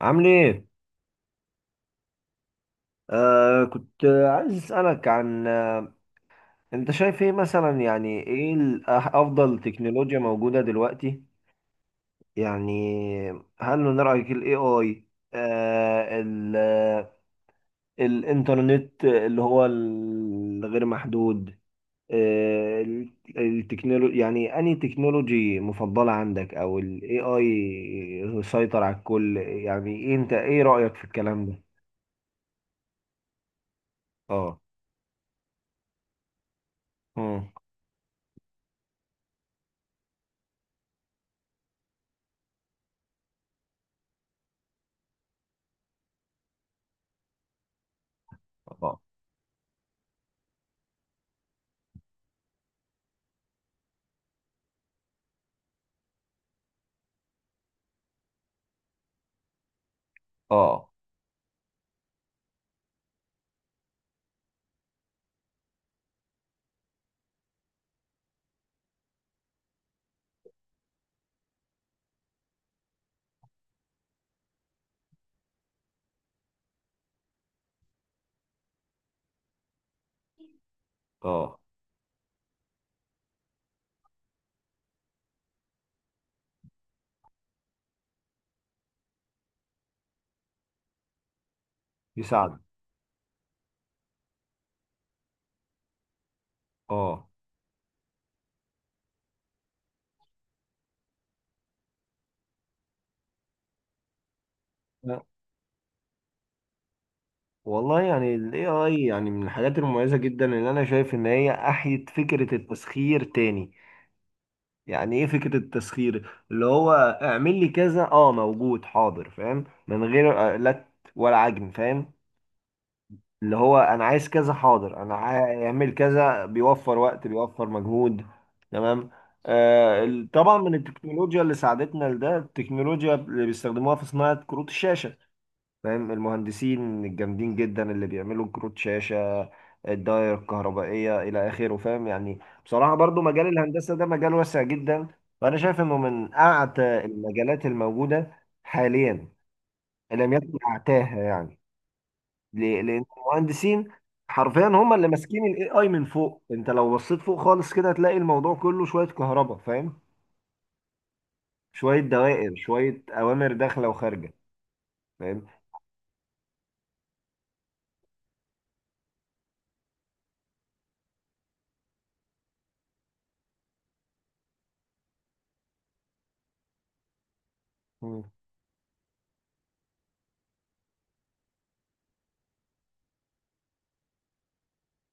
عامل ايه؟ كنت عايز اسألك عن، انت شايف ايه مثلا؟ يعني ايه افضل تكنولوجيا موجودة دلوقتي؟ يعني هل من رأيك الاي اي، آه ال آه، الانترنت اللي هو الغير محدود، آه التكنولوجي؟ يعني انهي تكنولوجي مفضلة عندك او الاي اي سيطر على الكل؟ يعني إيه، انت ايه رأيك في الكلام ده؟ اه. مم. اه، اه، اه، يساعده، اه. لا. والله يعني ال AI يعني من الحاجات المميزة جدا اللي أنا شايف إن هي أحيت فكرة التسخير تاني. يعني إيه فكرة التسخير؟ اللي هو اعمل لي كذا، موجود حاضر، فاهم؟ من غير لت ولا عجن، فاهم؟ اللي هو أنا عايز كذا، حاضر، اعمل كذا، بيوفر وقت بيوفر مجهود، تمام؟ طبعا من التكنولوجيا اللي ساعدتنا لده، التكنولوجيا اللي بيستخدموها في صناعة كروت الشاشة، فاهم؟ المهندسين الجامدين جدا اللي بيعملوا كروت شاشة، الداير الكهربائية إلى آخره، فاهم يعني. بصراحة برضو مجال الهندسة ده مجال واسع جدا، وأنا شايف إنه من أعتى المجالات الموجودة حاليا، إن لم يكن أعتاها يعني. ليه؟ لأن المهندسين حرفيا هم اللي ماسكين الاي اي من فوق. انت لو بصيت فوق خالص كده هتلاقي الموضوع كله شوية كهرباء، فاهم، شوية دوائر، شوية أوامر داخلة وخارجة، فاهم. مم.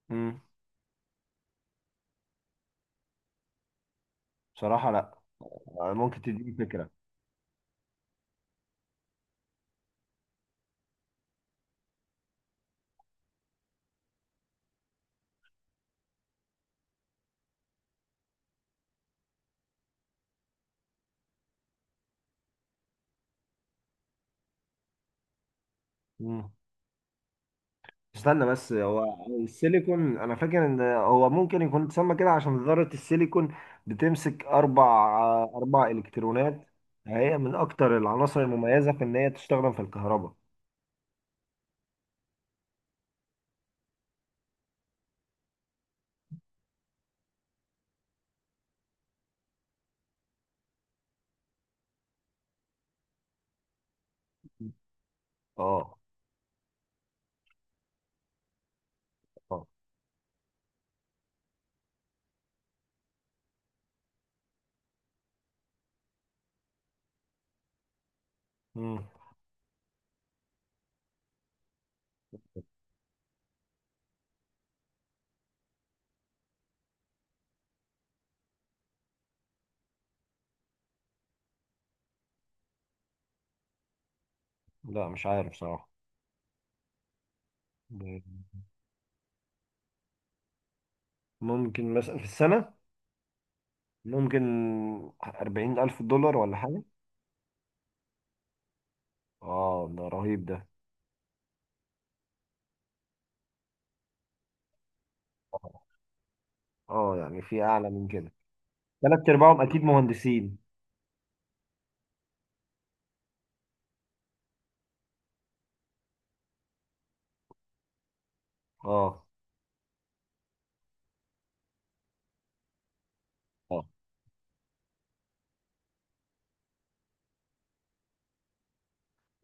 مم. بصراحة لا. ممكن تديني فكرة. مم. استنى بس، هو السيليكون انا فاكر ان هو ممكن يكون اتسمى كده عشان ذرة السيليكون بتمسك اربع، الكترونات. هي من اكتر العناصر المميزة في ان هي تستخدم في الكهرباء. اه. اه. مم. لا مش عارف صراحة. ممكن مثلا في السنة، ممكن 40,000 دولار ولا حاجة. اه ده رهيب ده. اه. يعني في أعلى من كده، تلات أرباعهم أكيد مهندسين. اه. آه.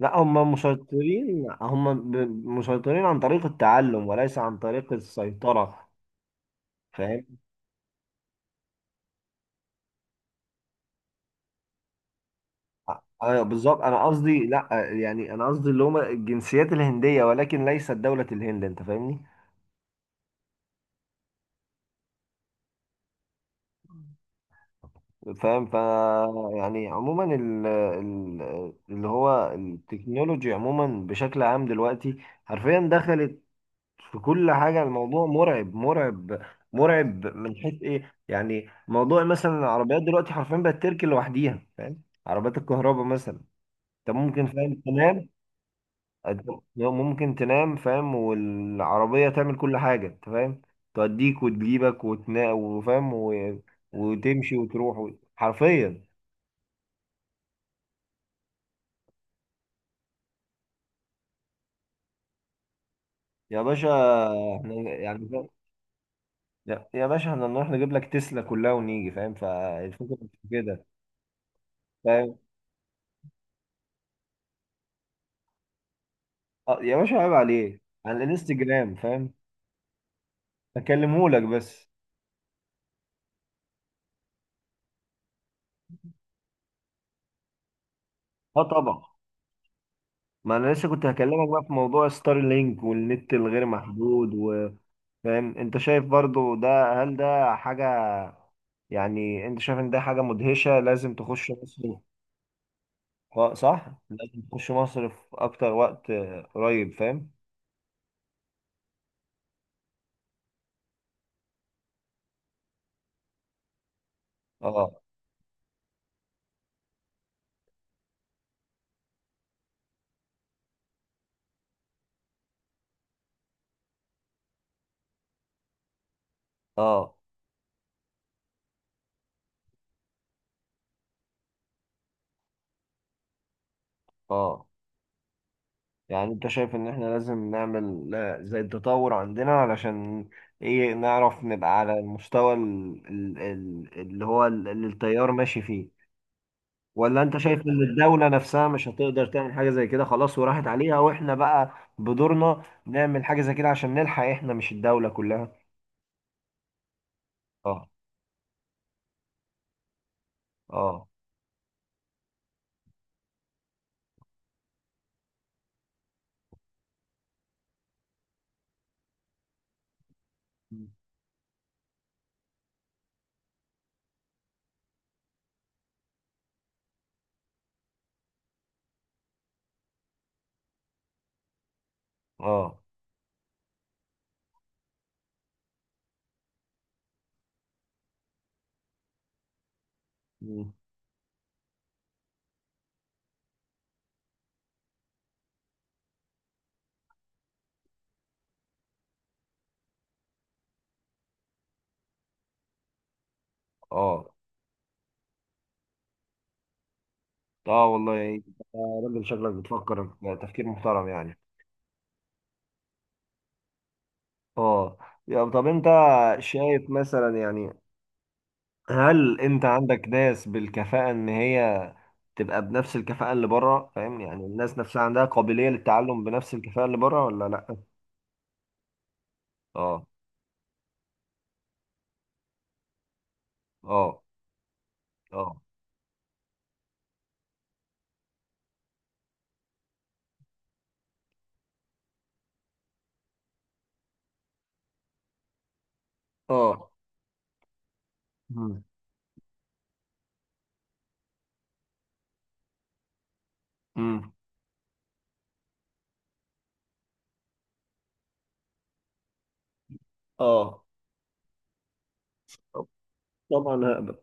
لا هم مسيطرين، مسيطرين عن طريق التعلم وليس عن طريق السيطرة، فاهم. ايوه بالظبط، انا قصدي لا، يعني انا قصدي اللي هم الجنسيات الهندية ولكن ليست دولة الهند، انت فاهمني؟ فاهم. يعني عموما، اللي هو التكنولوجي عموما بشكل عام دلوقتي حرفيا دخلت في كل حاجة. الموضوع مرعب مرعب مرعب، من حيث ايه؟ يعني موضوع مثلا العربيات دلوقتي حرفيا بقت تركن لوحديها، فاهم؟ عربيات الكهرباء مثلا. انت ممكن فاهم تنام أنت ممكن تنام، فاهم، والعربية تعمل كل حاجة، انت فاهم، توديك وتجيبك وتنا وفاهم، وتمشي وتروح حرفيا. يا باشا، احنا يعني، فاهم؟ يا باشا احنا نروح نجيب لك تسلا كلها ونيجي، فاهم؟ فالفكرة مش في كده. اه يا باشا عيب عليه، على الانستجرام فاهم، هكلمهولك بس. اه طبعا، ما انا لسه كنت هكلمك بقى في موضوع ستار لينك والنت الغير محدود وفاهم. انت شايف برضو ده، هل ده حاجة؟ يعني انت شايف ان ده حاجة مدهشة لازم تخش مصر؟ اه صح، لازم تخش مصر في اكتر وقت، قريب، فاهم. اه. اه. اه. يعني انت شايف ان احنا لازم نعمل، زي التطور عندنا علشان ايه نعرف نبقى على المستوى اللي هو اللي التيار ماشي فيه، ولا انت شايف ان الدولة نفسها مش هتقدر تعمل حاجة زي كده، خلاص وراحت عليها، واحنا بقى بدورنا نعمل حاجة زي كده عشان نلحق احنا مش الدولة كلها؟ اه. اه. اه. مم. اه. اه والله، يعني انت راجل شكلك بتفكر تفكير محترم يعني. اه. يا طب انت شايف مثلا، يعني هل انت عندك ناس بالكفاءة ان هي تبقى بنفس الكفاءة اللي بره، فاهم؟ يعني الناس نفسها عندها قابلية للتعلم بنفس الكفاءة اللي بره ولا لا؟ اه. اه. اه. اه. مم. مم. اه. طب- طبعا هقبل.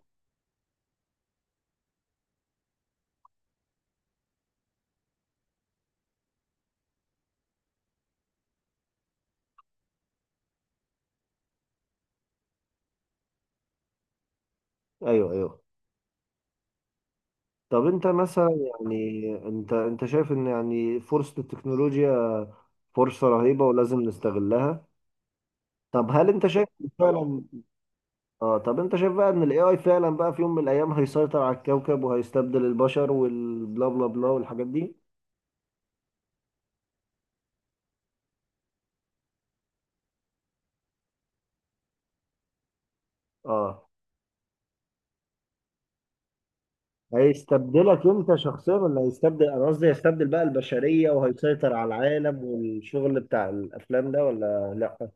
ايوه، ايوه، طب انت مثلا يعني، انت شايف ان يعني فرصة التكنولوجيا فرصة رهيبة ولازم نستغلها؟ طب هل انت شايف إن فعلا، اه طب انت شايف بقى ان الاي اي فعلا بقى في يوم من الايام هيسيطر على الكوكب وهيستبدل البشر والبلا بلا بلا والحاجات دي؟ اه. هيستبدلك انت شخصيا ولا هيستبدل، انا قصدي هيستبدل بقى البشرية وهيسيطر على العالم والشغل بتاع الافلام ده، ولا لا؟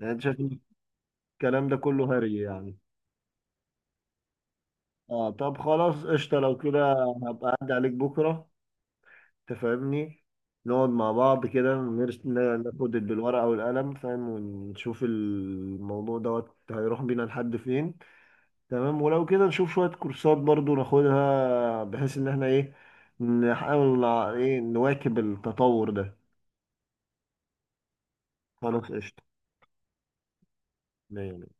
يعني انت شايف إن الكلام ده كله هري يعني؟ اه. طب خلاص قشطة، لو كده هبقى اعدي عليك بكرة، تفهمني، نقعد مع بعض كده ناخد بالورقة والقلم، فاهم، ونشوف الموضوع دوت هيروح بينا لحد فين، تمام؟ ولو كده نشوف شوية كورسات برضو ناخدها، بحيث ان احنا ايه، نحاول ايه نواكب التطور ده. خلاص قشطة، يعني